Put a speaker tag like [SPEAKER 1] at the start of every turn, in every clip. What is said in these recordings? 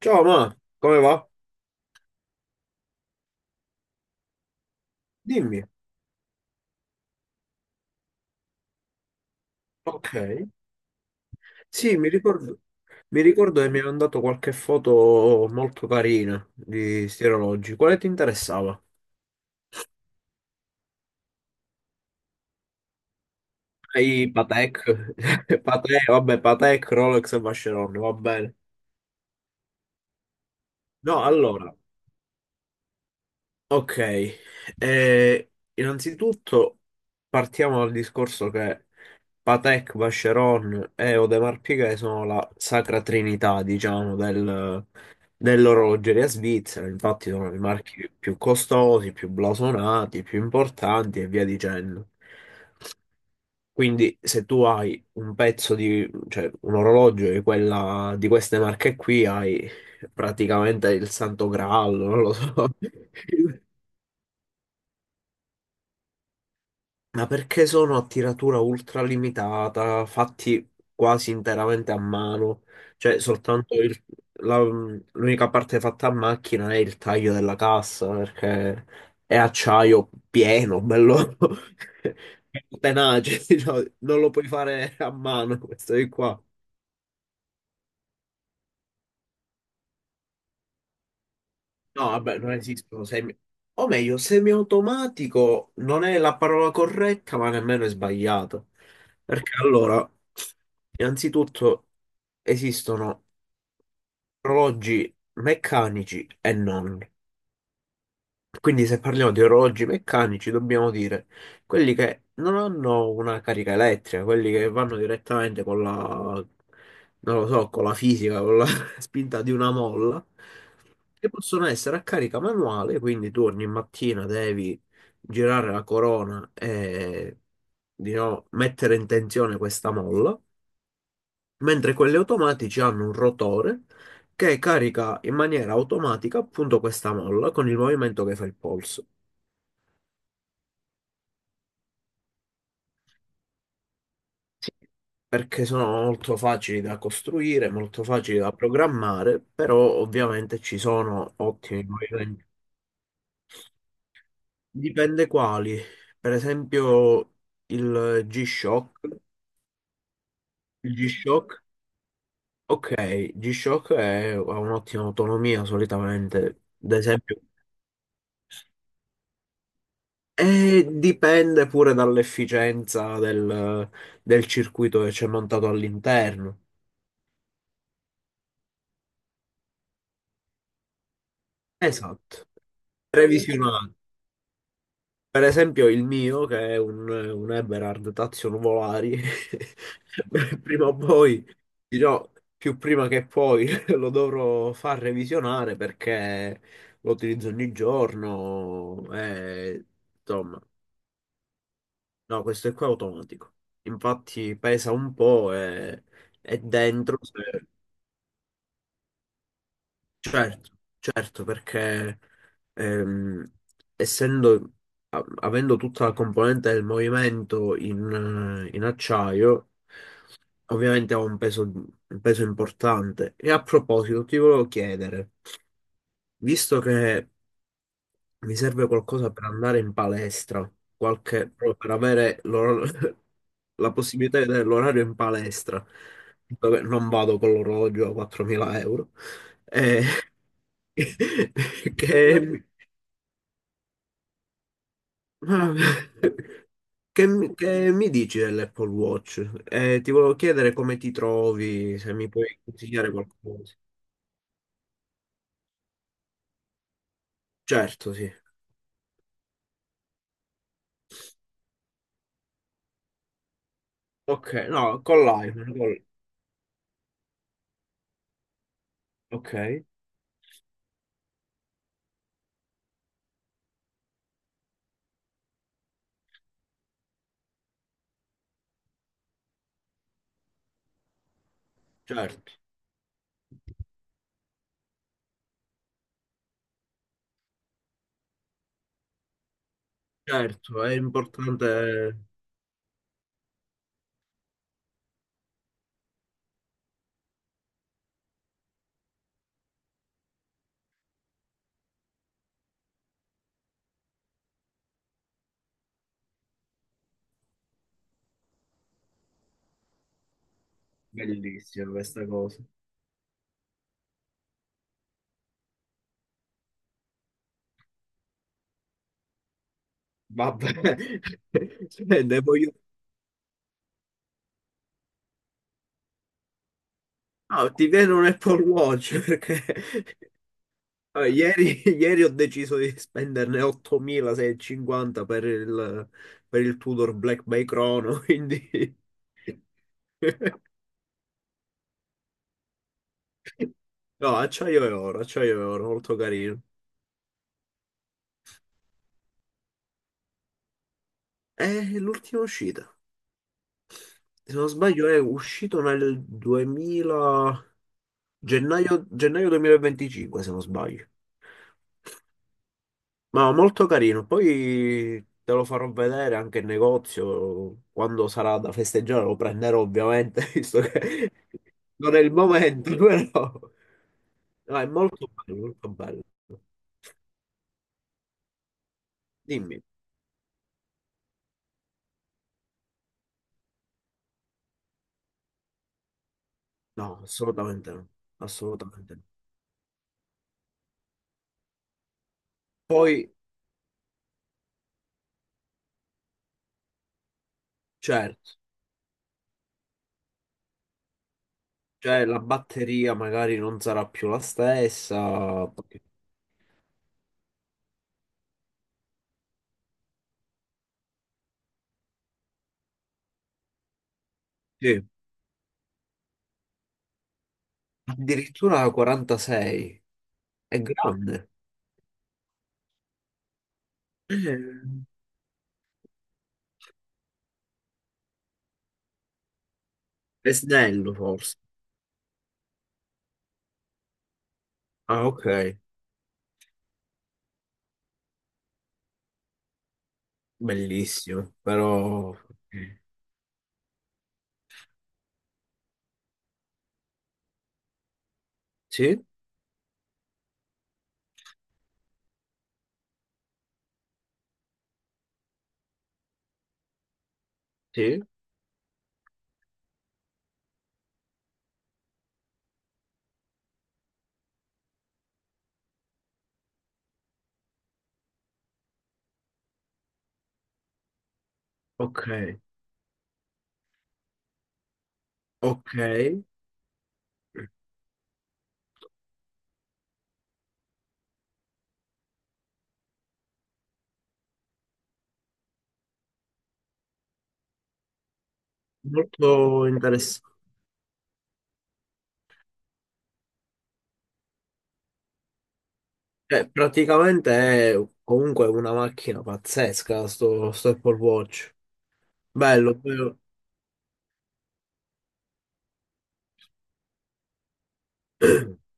[SPEAKER 1] Ciao, ma come va? Dimmi. Ok. Sì, mi ricordo che mi hai mandato qualche foto molto carina di sti orologi. Quale ti interessava? I Patek. Patek, vabbè, Patek, Rolex e Vacheron, va bene. No, allora, ok. Innanzitutto partiamo dal discorso che Patek, Vacheron e Audemars Piguet sono la sacra trinità, diciamo, dell'orologeria svizzera. Infatti sono i marchi più costosi, più blasonati, più importanti e via dicendo. Quindi se tu hai un pezzo di, cioè un orologio di queste marche qui, hai praticamente il Santo Graal, non lo so. Ma perché sono a tiratura ultralimitata, fatti quasi interamente a mano? Cioè, soltanto la- l'unica parte fatta a macchina è il taglio della cassa, perché è acciaio pieno, bello, tenace, diciamo. Non lo puoi fare a mano questo di qua. No, vabbè, non esistono semi... O meglio, semiautomatico non è la parola corretta, ma nemmeno è sbagliata. Perché allora... Innanzitutto esistono orologi meccanici e non. Quindi se parliamo di orologi meccanici dobbiamo dire quelli che non hanno una carica elettrica, quelli che vanno direttamente con la, non lo so, con la fisica, con la spinta di una molla, che possono essere a carica manuale, quindi tu ogni mattina devi girare la corona e, diciamo, mettere in tensione questa molla. Mentre quelli automatici hanno un rotore che carica in maniera automatica appunto questa molla con il movimento che fa il polso. Sì. Perché sono molto facili da costruire, molto facili da programmare, però ovviamente ci sono ottimi movimenti. Dipende quali. Per esempio il G-Shock. Il G-Shock, ok, G-Shock ha un'ottima autonomia solitamente. Ad esempio. E dipende pure dall'efficienza del circuito che c'è montato all'interno. Esatto. Previsionale. Per esempio il mio, che è un Eberhard Tazio Nuvolari, prima o poi, dirò più prima che poi, lo dovrò far revisionare perché lo utilizzo ogni giorno e, insomma, no, questo è qua automatico. Infatti pesa un po' e... E dentro, se-. Certo, certo, perché ehm, essendo, avendo tutta la componente del movimento in acciaio, ovviamente ha un peso importante. E a proposito, ti volevo chiedere, visto che mi serve qualcosa per andare in palestra, qualche, proprio per avere la possibilità di vedere l'orario in palestra, dove non vado con l'orologio a 4.000 euro, eh, che, mi- che mi dici dell'Apple Watch? Ti volevo chiedere come ti trovi, se mi puoi consigliare qualcosa. Certo, sì. Ok, no, con l'iPhone, ok, certo, certo, è importante. Bellissima questa cosa. Vabbè. Cioè, ne voglio... Ah, ti viene un Apple Watch perché allora, ieri ho deciso di spenderne 8.650 per il Tudor Black Bay Chrono, quindi... No, acciaio e oro, molto carino. È l'ultima uscita. Se non sbaglio è uscito nel 2000... Gennaio, gennaio 2025, se non sbaglio. Ma molto carino, poi te lo farò vedere anche in negozio quando sarà da festeggiare, lo prenderò ovviamente, visto che non è il momento, però no, è molto bello, molto bello. Dimmi, no, assolutamente no, assolutamente no. Poi, certo, cioè la batteria magari non sarà più la stessa, perché- sì, addirittura 46, è grande. Eh, è snello forse. Ah, ok. Bellissimo, però... ok. Sì, sì, ok, ok. Molto interessante. Cioè, praticamente è comunque una macchina pazzesca, sto Apple Watch. Bello, bello.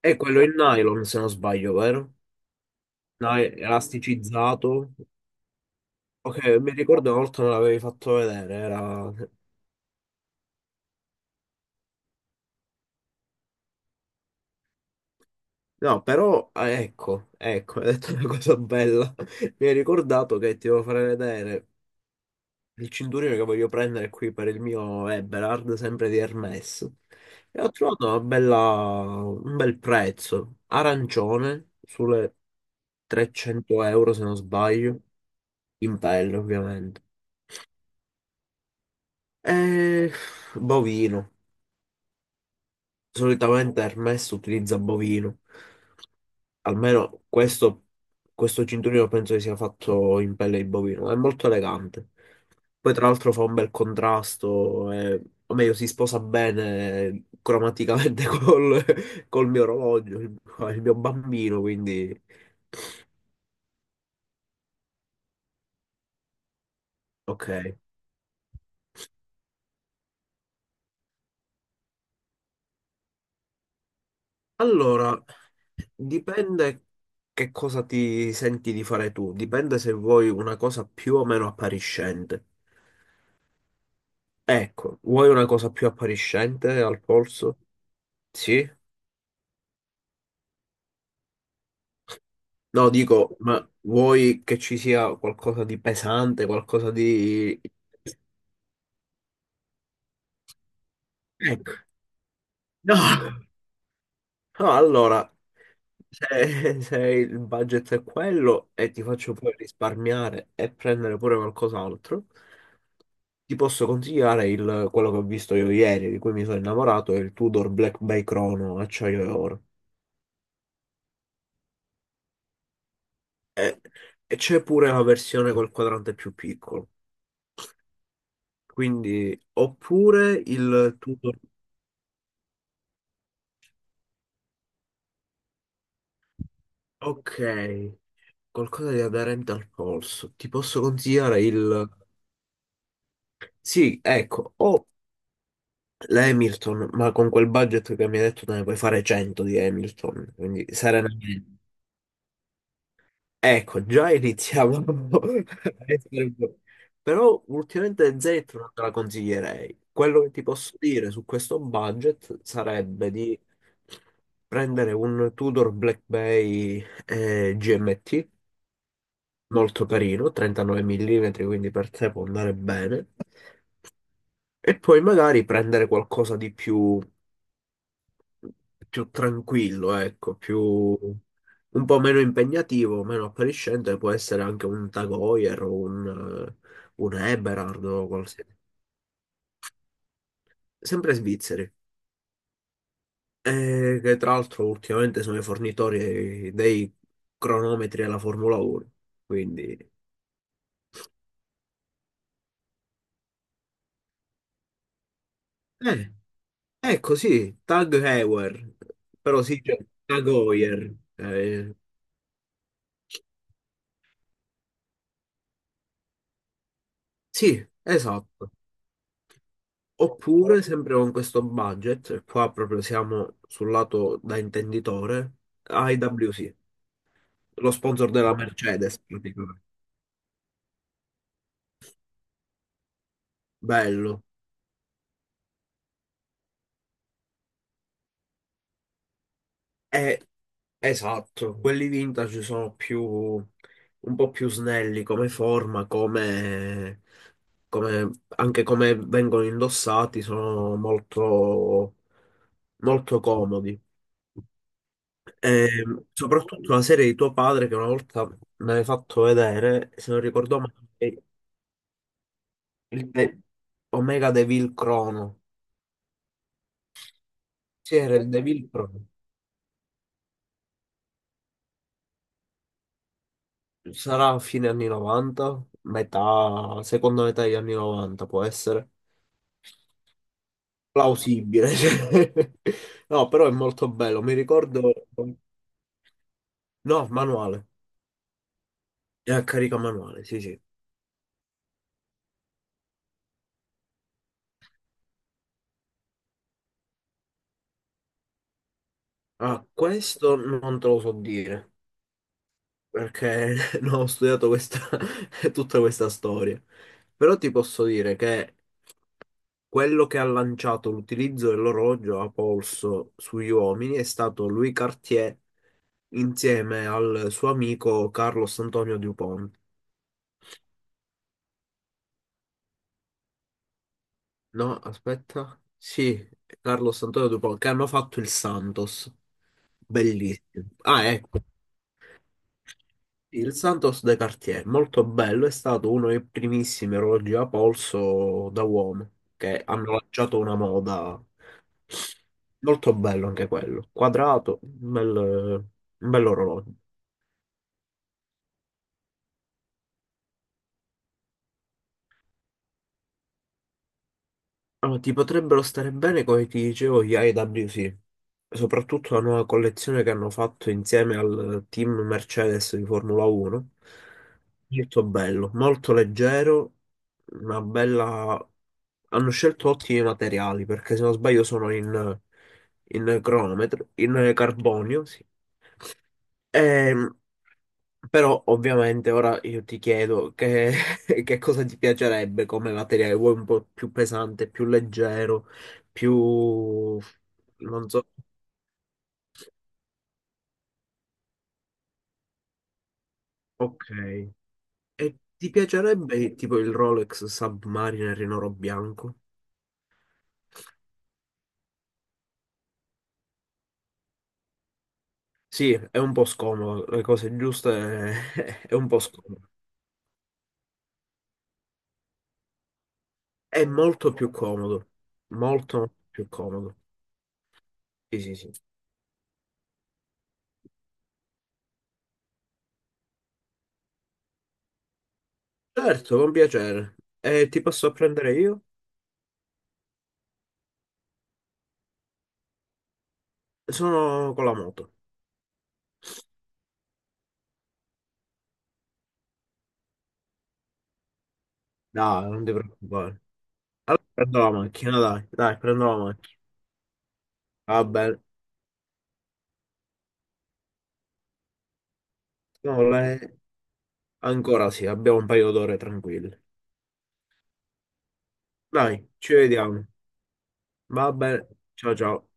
[SPEAKER 1] È quello in nylon, se non sbaglio, vero? No, è elasticizzato. Ok, mi ricordo una volta me l'avevi fatto vedere, era... No, però, ah, ecco, ecco, hai detto una cosa bella. Mi hai ricordato che ti devo fare vedere il cinturino che voglio prendere qui per il mio Eberhard, sempre di Hermes. E ho trovato un bel prezzo, arancione, sulle 300 euro se non sbaglio, in pelle ovviamente. E bovino, solitamente Hermes utilizza bovino. Almeno questo cinturino penso che sia fatto in pelle di bovino, è molto elegante. Poi tra l'altro fa un bel contrasto, o meglio si sposa bene cromaticamente col mio orologio, il mio bambino, quindi ok. Allora, dipende che cosa ti senti di fare tu, dipende se vuoi una cosa più o meno appariscente. Ecco, vuoi una cosa più appariscente al polso? Sì? No, dico, ma vuoi che ci sia qualcosa di pesante, qualcosa di... Ecco. No, no, allora, se il budget è quello e ti faccio poi risparmiare e prendere pure qualcos'altro, ti posso consigliare quello che ho visto io ieri, di cui mi sono innamorato, è il Tudor Black Bay Chrono acciaio e oro. E, e c'è pure la versione col quadrante più piccolo. Quindi, oppure il Tudor... Ok. Qualcosa di aderente al polso. Ti posso consigliare il... Sì, ecco, o l'Hamilton, ma con quel budget che mi hai detto te ne puoi fare 100 di Hamilton, quindi serenamente. Ecco, già iniziamo a essere un po'. Però ultimamente Zeta non te la consiglierei. Quello che ti posso dire su questo budget sarebbe di prendere un Tudor Black Bay GMT molto carino, 39 mm, quindi per te può andare bene. E poi magari prendere qualcosa di più, più tranquillo, ecco, più, un po' meno impegnativo, meno appariscente, può essere anche un Tag Heuer o un Eberhard o qualsiasi. Sempre svizzeri. Che tra l'altro ultimamente sono i fornitori dei cronometri alla Formula 1, quindi... Eh. Ecco, sì, Tag Heuer, però sì, cioè, Tag Heuer, sì, esatto. Oppure, sempre con questo budget, e qua proprio siamo sul lato da intenditore, AEWC, lo sponsor della Mercedes, praticamente. Bello. E esatto, quelli vintage sono un po' più snelli come forma, come, come- anche come vengono indossati, sono molto, molto comodi. E, soprattutto la serie di tuo padre che una volta me l'hai fatto vedere, se non ricordo male, è il De- Omega Devil Chrono. Sì, era il Devil Chrono. Sarà a fine anni 90, metà, seconda metà degli anni 90 può essere, plausibile. Cioè. No, però è molto bello. Mi ricordo. No, manuale. È a carica manuale, sì, sì. Ah, questo non te lo so dire perché non ho studiato questa, tutta questa storia. Però ti posso dire che quello che ha lanciato l'utilizzo dell'orologio a polso sugli uomini è stato Louis Cartier insieme al suo amico Carlos Antonio Dupont. No, aspetta. Sì, Carlos Antonio Dupont, che hanno fatto il Santos. Bellissimo. Ah, ecco. Il Santos de Cartier, molto bello, è stato uno dei primissimi orologi a polso da uomo, che hanno lanciato una moda. Molto bello anche quello. Quadrato, un bell'orologio. Allora, ti potrebbero stare bene, come ti dicevo, gli IWC, soprattutto la nuova collezione che hanno fatto insieme al team Mercedes di Formula 1. Molto bello, molto leggero, una bella... Hanno scelto ottimi materiali, perché se non sbaglio sono in cronometro, in carbonio, sì. Ehm, però ovviamente ora io ti chiedo che, che cosa ti piacerebbe come materiale, vuoi un po' più pesante, più leggero, più... non so, ok. E ti piacerebbe tipo il Rolex Submariner in oro bianco? Sì, è un po' scomodo, le cose giuste è un po' scomodo. È molto più comodo, molto più comodo. Sì, sì, sì. Certo, con piacere. E ti posso prendere io? Sono con la moto. Dai, non ti preoccupare. Allora prendo la macchina, dai, dai, prendo la macchina. Va bene. No, le- Ancora sì, abbiamo un paio d'ore tranquille. Dai, ci vediamo. Va bene. Ciao ciao.